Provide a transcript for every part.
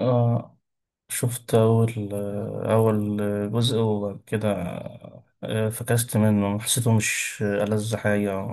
آه، شفت أول جزء وكده. فكست منه، حسيته مش ألذ حاجة.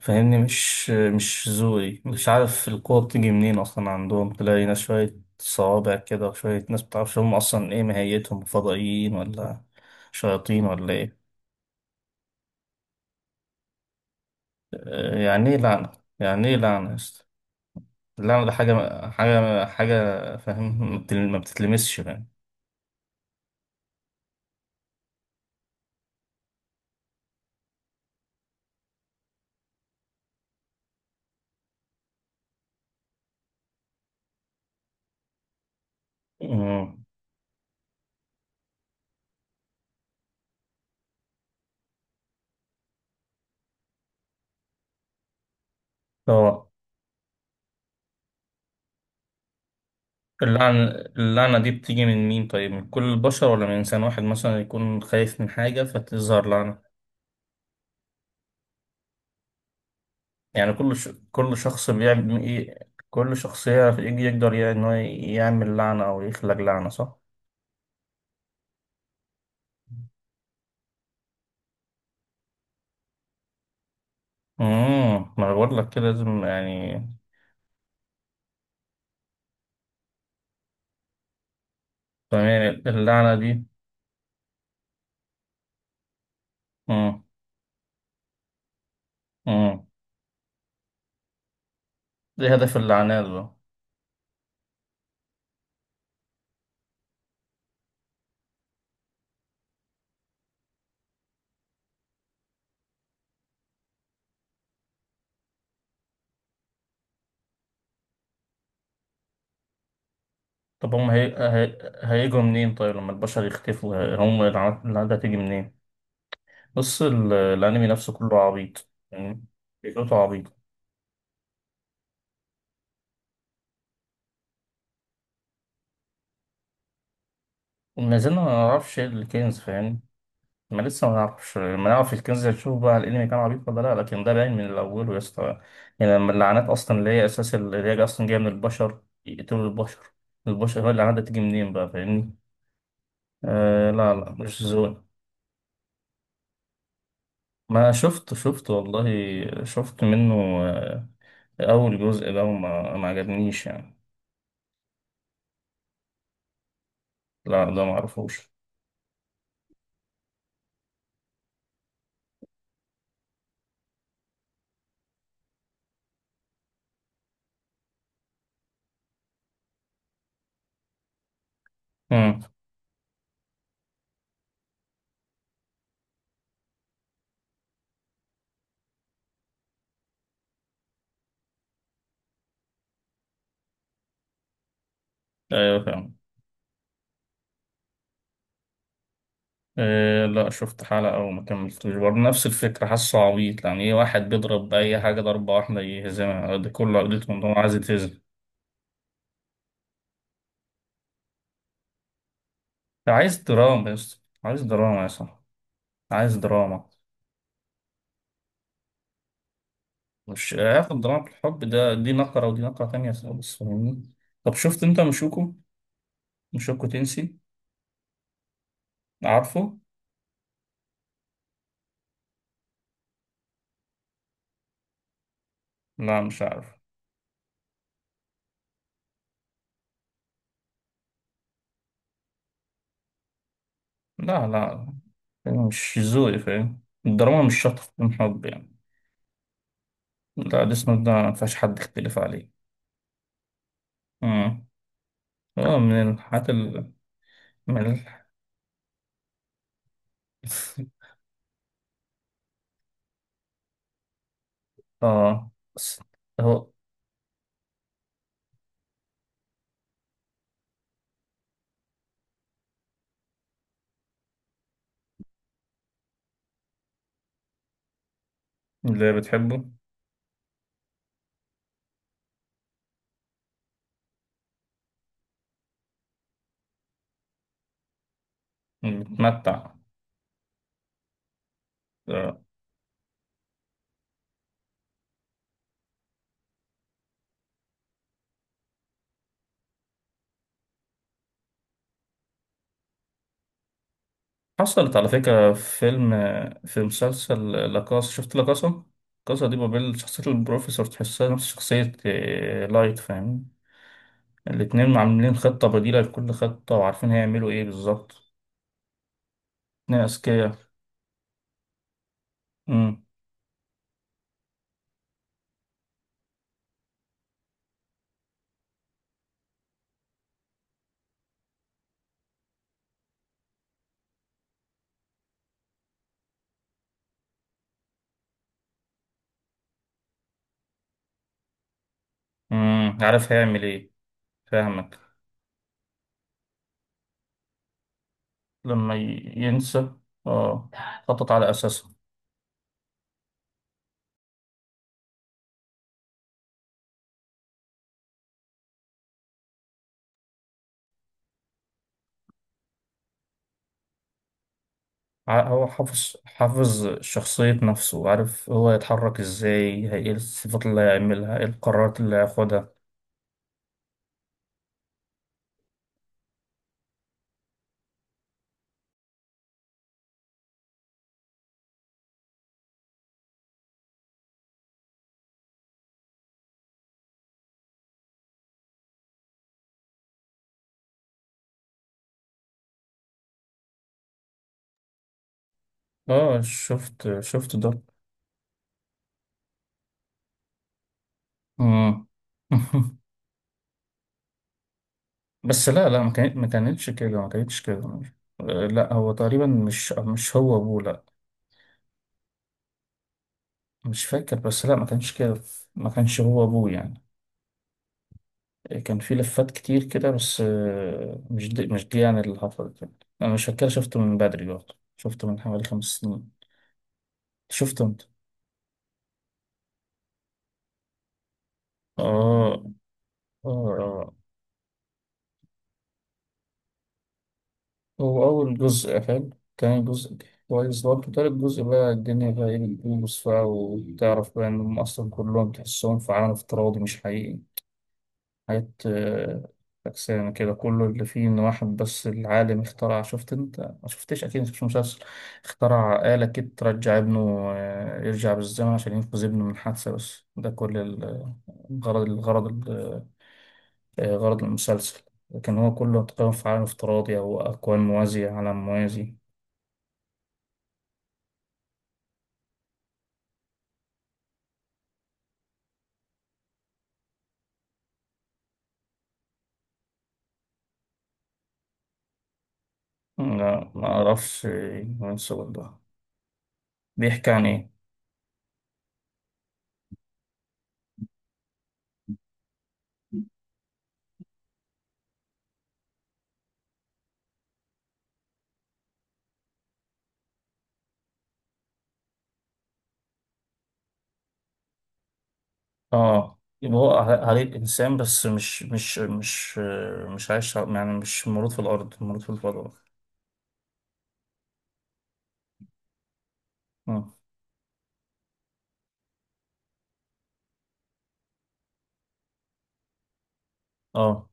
فاهمني، مش ذوقي، مش عارف القوة بتيجي منين أصلا عندهم. تلاقي ناس شوية صوابع كده وشوية ناس متعرفش هم أصلا إيه ماهيتهم، فضائيين ولا شياطين ولا إيه. يعني إيه لعنة؟ يعني إيه لعنة يا اسطى؟ اللعنة ده حاجة حاجة فاهم، ما بتتلمسش يعني. مم. طبعا. اللعنة اللعنة دي بتيجي من مين؟ طيب، من كل البشر ولا من إنسان واحد مثلا يكون خايف من حاجة فتظهر لعنة؟ يعني كل شخص بيعمل إيه؟ كل شخص يقدر يعني إن هو يعمل لعنة أو يخلق لعنة، صح؟ ما أنا بقول لك كده، لازم يعني. تمام اللعنة دي. امم امم إيه هدف اللعنات بقى؟ طب هم هيجوا منين؟ طيب لما البشر يختفوا، هم اللعنة دي هتيجي منين؟ بص الأنمي نفسه كله عبيط يعني، فكرته عبيطة. ما زلنا ما نعرفش ايه الكنز، فاهم. ما لسه ما نعرفش، ما نعرف الكنز، نشوف بقى الانمي كان عبيط ولا لا، لكن ده باين من الاول يا اسطى. يعني لما اللعنات اصلا اللي هي اساس، اللي هي اصلا جايه من البشر، يقتلوا البشر، البشر هو اللعنات دي تيجي منين بقى، فاهمني. آه، لا لا، مش زون. ما شفت والله، شفت منه آه اول جزء ده، وما ما عجبنيش يعني. لا ده ما اعرفوش. امم ايوه فاهم. إيه؟ لا، شفت حلقة أو ما كملتوش برضه، نفس الفكرة، حاسه عبيط يعني. إيه؟ واحد بيضرب بأي حاجة ضربة واحدة يهزمها، ده كل عقدته إن هو عايز يتهزم. عايز دراما يا اسطى، عايز دراما يا اسطى، عايز دراما. مش هياخد دراما في الحب ده، دي نقرة ودي نقرة تانية خالص، فاهمني. طب شفت أنت مشوكو؟ مشوكو تنسي، عارفه؟ لا مش عارف. لا لا، مش ذوقي، فاهم الدراما مش شرط تكون حب يعني. لا ده اسمه ده ما فيهاش حد يختلف عليه. مم. هو من الحاجات. ملح. اه بس. هو اللي بتحبه. بتمتع. آه. حصلت على فكرة في فيلم، في مسلسل لاكاسا. شفت لاكاسا؟ لاكاسا دي بابيل، شخصية البروفيسور تحسها نفس شخصية لايت، فاهم. الاتنين عاملين خطة بديلة لكل خطة وعارفين هيعملوا ايه بالظبط. اتنين أذكياء. أمم، أمم، عارف هيعمل ايه. فاهمك. لما ينسى. اه، خطط على أساسها. هو حافظ شخصية نفسه، عارف هو يتحرك ازاي، ايه الصفات اللي هيعملها، ايه القرارات اللي هياخدها. اه شفت ده. مم. بس لا لا، ما كانتش كده، ما كانتش كده. آه، لا هو تقريبا مش هو ابوه، لا. مش فاكر بس، لا ما كانش كده، ما كانش هو ابوه يعني. كان في لفات كتير كده بس، مش دي مش دي يعني اللي حصلت يعني. انا مش فاكر، شفته من بدري برضه، شفته من حوالي 5 سنين شفته. آه آه آه. هو أول جزء حلو، تاني جزء كويس برضه، تالت جزء بقى الدنيا بقى إيه بتبوظ بقى، وتعرف بقى إنهم أصلا كلهم تحسهم في عالم افتراضي مش حقيقي. حاجات فكسانة كده. كله اللي فيه إن واحد بس العالم اخترع، شفت أنت؟ ما شفتش أكيد مش مسلسل. اخترع آلة كده ترجع ابنه، يرجع بالزمن عشان ينقذ ابنه من حادثة، بس ده كل الغرض، غرض المسلسل. لكن هو كله تقريبا في عالم افتراضي أو أكوان موازية، عالم موازي. لا ما أعرفش. المسلسل ده بيحكي عن إيه؟ آه، يبقى هو عليه إنسان بس مش عايش على، يعني مش مولود في الأرض، مولود في الفضاء. آه آه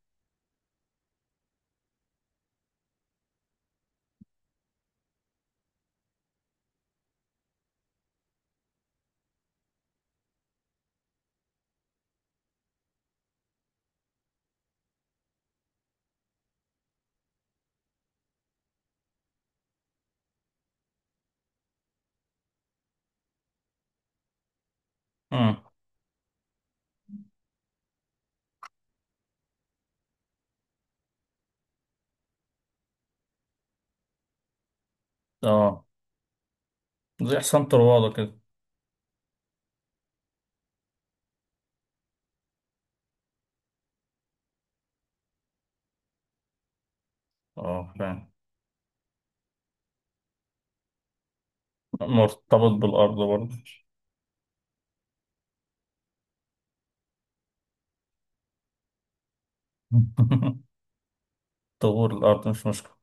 آه, آه. زي حسام طروادة كده. آه فاهم، مرتبط بالأرض برضه. طهور الأرض مش مشكلة.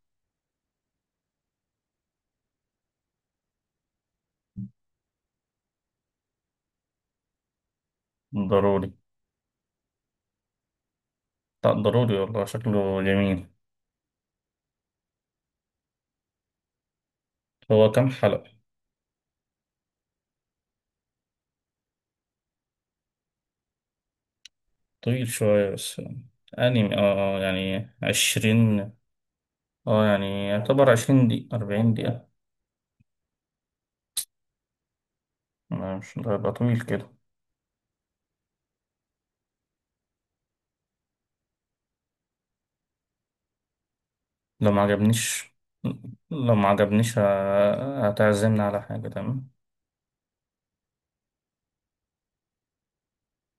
ضروري. لا ضروري والله، شكله جميل. هو كام حلقة؟ طويل شوية بس. أنمي اه، يعني 20. اه يعني يعتبر 20 دقيقة 40 دقيقة. مش هيبقى طويل كده. لو ما عجبنيش، لو ما عجبنيش هتعزمني على حاجة، تمام.